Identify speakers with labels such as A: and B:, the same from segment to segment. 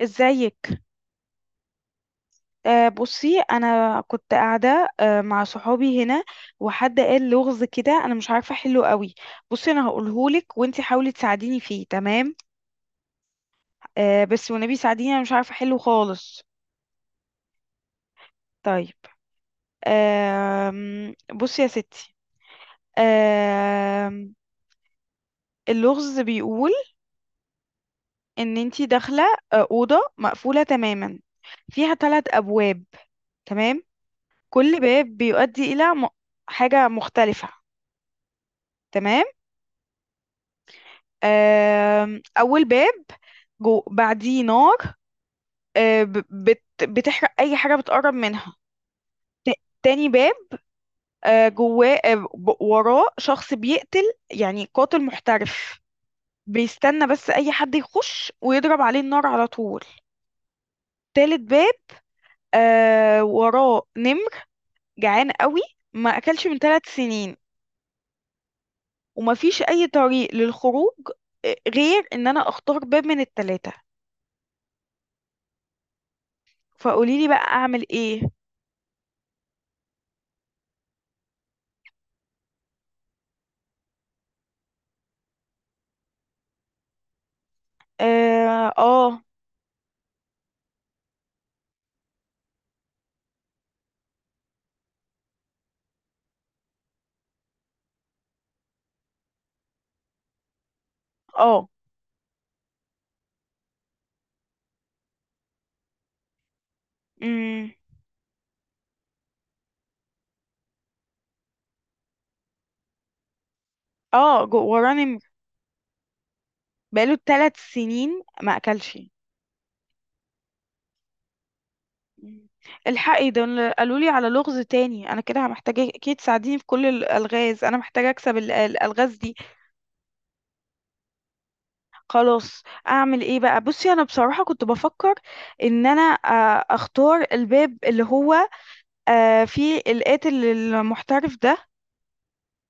A: ازيك. بصي انا كنت قاعده مع صحابي هنا. وحد قال لغز كده انا مش عارفه احله قوي. بصي انا هقولهولك وانتي حاولي تساعديني فيه، تمام؟ بس والنبي ساعديني، انا مش عارفه احله خالص. طيب. آه بصي يا ستي. آه اللغز بيقول ان انتي داخله اوضه مقفوله تماما، فيها ثلاث ابواب. تمام. كل باب بيؤدي الى حاجه مختلفه. تمام. أول باب جو بعديه نار، آه، ب- بت بتحرق أي حاجة بتقرب منها. تاني باب، وراه شخص بيقتل، يعني قاتل محترف، بيستنى بس أي حد يخش ويضرب عليه النار على طول. تالت باب، وراه نمر جعان قوي، ما أكلش من ثلاث سنين. ومفيش أي طريق للخروج، غير إن أنا أختار باب من التلاتة. فقوليلي بقى أعمل إيه؟ آه, آه اه. امم. اه وراه نمر. بقاله ثلاث سنين ما اكلش. مم. الحقي ده، قالوا لي على لغز تاني، انا كده محتاجه اكيد تساعديني في كل الالغاز، انا محتاجه اكسب الالغاز دي. خلاص. اعمل ايه بقى؟ بصي انا بصراحه كنت بفكر ان انا اختار الباب اللي هو فيه القاتل المحترف ده،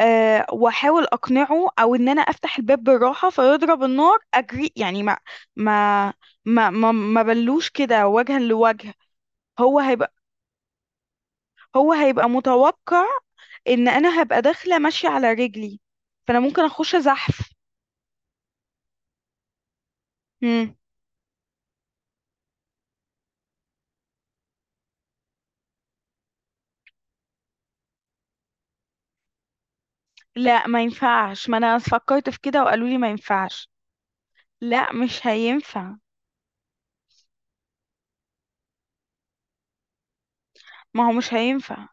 A: واحاول اقنعه، او ان انا افتح الباب بالراحه فيضرب النار اجري، يعني ما ما ما بلوش كده وجها لوجه. هو هيبقى هو هيبقى متوقع ان انا هبقى داخله ماشيه على رجلي، فانا ممكن اخش زحف. مم. لا ما ينفعش، ما انا فكرت في كده وقالوا لي ما ينفعش. لا مش هينفع. ما هو مش هينفع.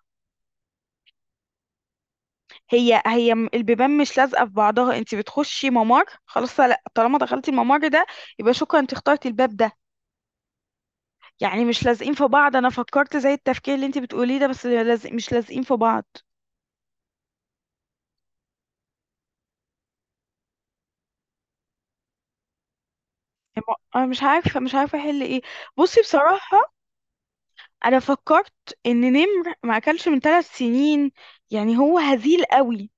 A: البيبان مش لازقه في بعضها، انت بتخشي ممر، خلاص، لا طالما دخلتي الممر ده يبقى شكرا انت اخترتي الباب ده. يعني مش لازقين في بعض. انا فكرت زي التفكير اللي انت بتقوليه ده، بس لازق، مش لازقين في بعض. انا مش عارفه احل ايه. بصي بصراحه، انا فكرت ان نمر ما اكلش من ثلاث سنين، يعني هو هزيل قوي.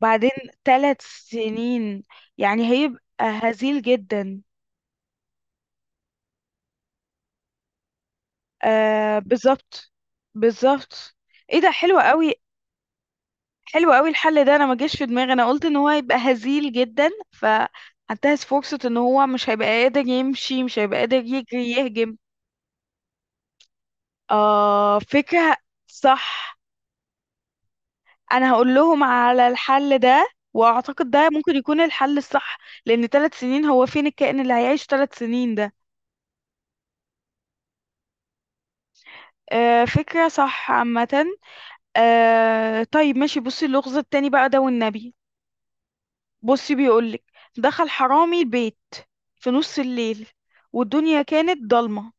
A: بعدين ثلاث سنين يعني هيبقى هزيل جدا. آه بالظبط. بالظبط. ايه ده حلو قوي. حلو قوي الحل ده، انا ما جاش في دماغي. انا قلت ان هو هيبقى هزيل جدا فهنتهز فرصة ان هو مش هيبقى قادر يمشي، مش هيبقى قادر يجري يهجم. آه فكرة صح. انا هقول لهم على الحل ده، واعتقد ده ممكن يكون الحل الصح، لان ثلاث سنين هو فين الكائن اللي هيعيش ثلاث سنين ده؟ آه فكرة صح عامة. طيب ماشي. بصي اللغز التاني بقى ده والنبي. بصي بيقولك دخل حرامي البيت في نص الليل، والدنيا كانت ضلمة،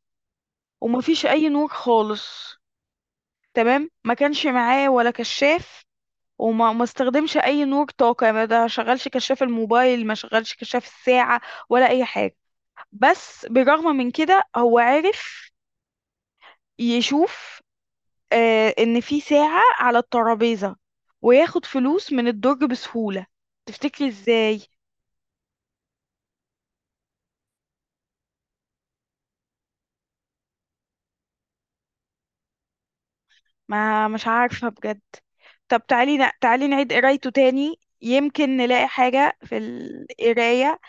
A: ومفيش أي نور خالص، تمام؟ ما كانش معاه ولا كشاف، وما ما استخدمش أي نور طاقة، ما ده شغلش كشاف الموبايل، ما شغلش كشاف الساعة، ولا أي حاجة. بس بالرغم من كده هو عرف يشوف إن في ساعة على الترابيزة، وياخد فلوس من الدرج بسهولة. تفتكري إزاي؟ ما مش عارفة بجد. طب تعالي تعالي نعيد قرايته تاني، يمكن نلاقي حاجة في القراية.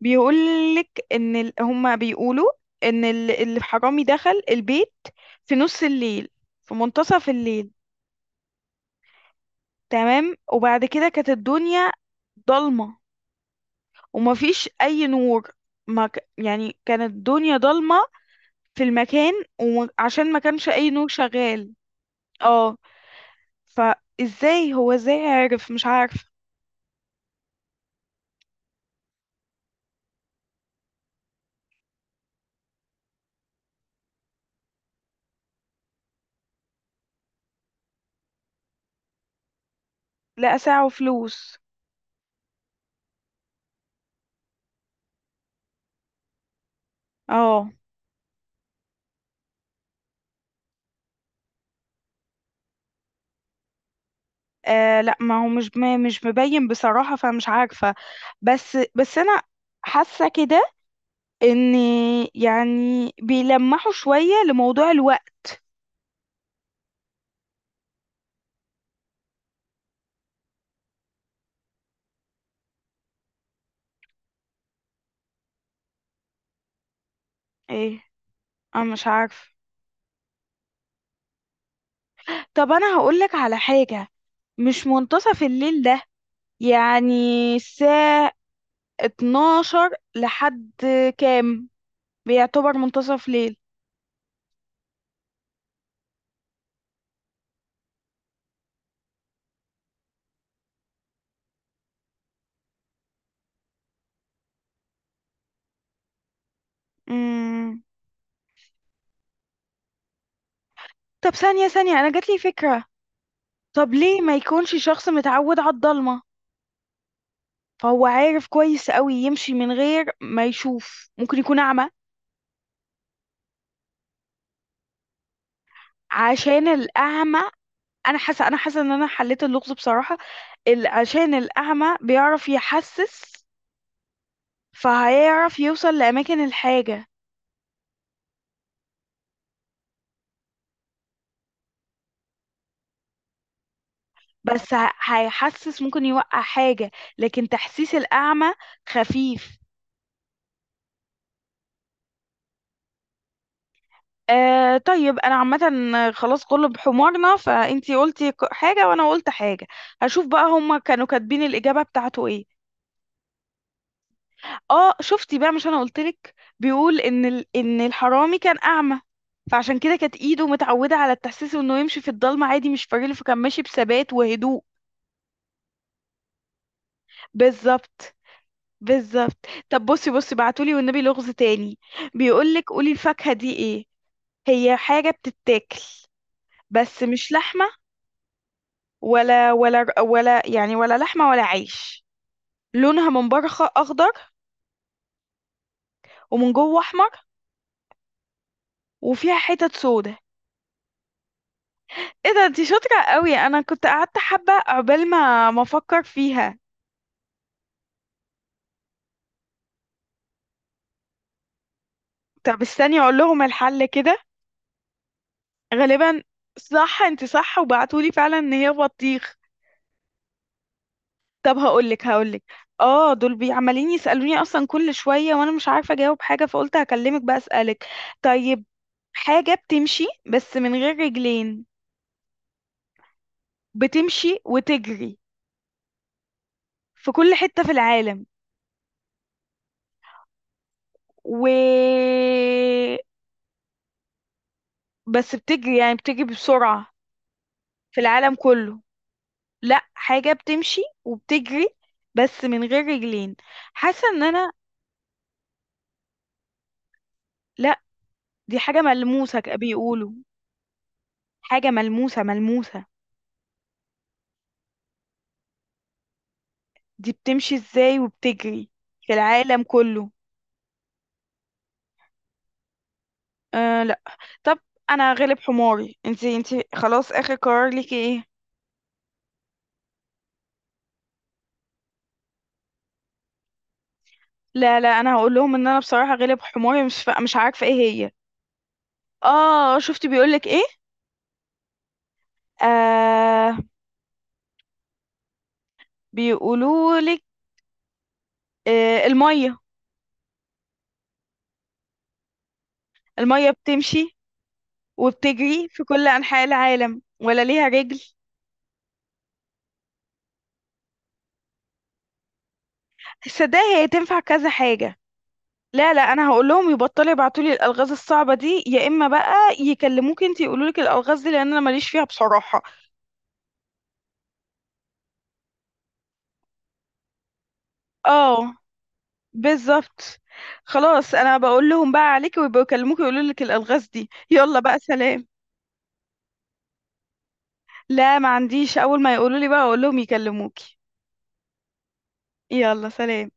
A: بيقولك إن هما بيقولوا إن الحرامي دخل البيت في نص الليل، في منتصف الليل، تمام. وبعد كده كانت الدنيا ضلمة ومفيش أي نور. ما ك... يعني كانت الدنيا ضلمة في المكان، وعشان ما كانش أي نور شغال. اه. فازاي هو ازاي عرف؟ مش عارفة. لقى ساعة وفلوس. اه. آه لا ما هو مش مبين بصراحة، فمش عارفة. بس أنا حاسة كده إن، يعني، بيلمحوا شوية لموضوع الوقت. إيه؟ أنا مش عارفة. طب أنا هقولك على حاجة، مش منتصف الليل ده يعني الساعة 12 لحد كام بيعتبر منتصف ليل؟ مم. طب ثانية أنا جاتلي فكرة. طب ليه ما يكونش شخص متعود على الضلمة، فهو عارف كويس قوي يمشي من غير ما يشوف؟ ممكن يكون اعمى. عشان الاعمى، انا حاسه ان انا حليت اللغز بصراحه. عشان الاعمى بيعرف يحسس، فهيعرف يوصل لاماكن الحاجه. بس هيحسس ممكن يوقع حاجه، لكن تحسيس الاعمى خفيف. آه طيب انا عامه خلاص كله بحمارنا، فانتي قلتي حاجه وانا قلت حاجه. هشوف بقى هما كانوا كاتبين الاجابه بتاعته ايه. اه شفتي بقى، مش انا قلتلك؟ بيقول ان ان الحرامي كان اعمى، فعشان كده كانت ايده متعوده على التحسيس، انه يمشي في الضلمه عادي مش فارقله، فكان ماشي بثبات وهدوء. بالظبط. بالظبط. طب بصي، بصي بعتولي والنبي لغز تاني، بيقولك قولي الفاكهه دي ايه. هي حاجه بتتاكل، بس مش لحمه ولا، يعني، ولا لحمه ولا عيش. لونها من بره اخضر، ومن جوه احمر، وفيها حتت سودا. ايه ده انتي شاطرة قوي، انا كنت قعدت حبة عقبال ما افكر فيها. طب استني اقول لهم الحل كده. غالبا صح، انتي صح، وبعتولي فعلا ان هي بطيخ. طب هقولك، اه دول عمالين يسألوني اصلا كل شوية وانا مش عارفة اجاوب حاجة، فقلت هكلمك بقى اسألك. طيب حاجة بتمشي بس من غير رجلين، بتمشي وتجري في كل حتة في العالم، و، بس بتجري يعني بتجري بسرعة في العالم كله. لا حاجة بتمشي وبتجري بس من غير رجلين. حاسة ان انا، لا، دي حاجة ملموسة بيقولوا. حاجة ملموسة. دي بتمشي ازاي وبتجري في العالم كله؟ آه لا. طب انا غلب حماري، انتي خلاص اخر قرار ليكي ايه؟ لا لا، انا هقول لهم ان انا بصراحة غلب حماري، مش عارفة ايه هي. اه شفت بيقولك ايه؟ آه بيقولولك آه المية. المية بتمشي وبتجري في كل أنحاء العالم ولا ليها رجل. صدقني هي تنفع كذا حاجة. لا لا، أنا هقول لهم يبطلوا يبعتوا لي الألغاز الصعبة دي، يا إما بقى يكلموك انتي يقولوا لك الألغاز دي، لأن أنا ماليش فيها بصراحة. اه بالظبط. خلاص أنا بقول لهم بقى عليك، ويبقوا يكلموك يقولوا لك الألغاز دي. يلا بقى سلام. لا ما عنديش، أول ما يقولوا لي بقى أقول لهم يكلموكي. يلا سلام.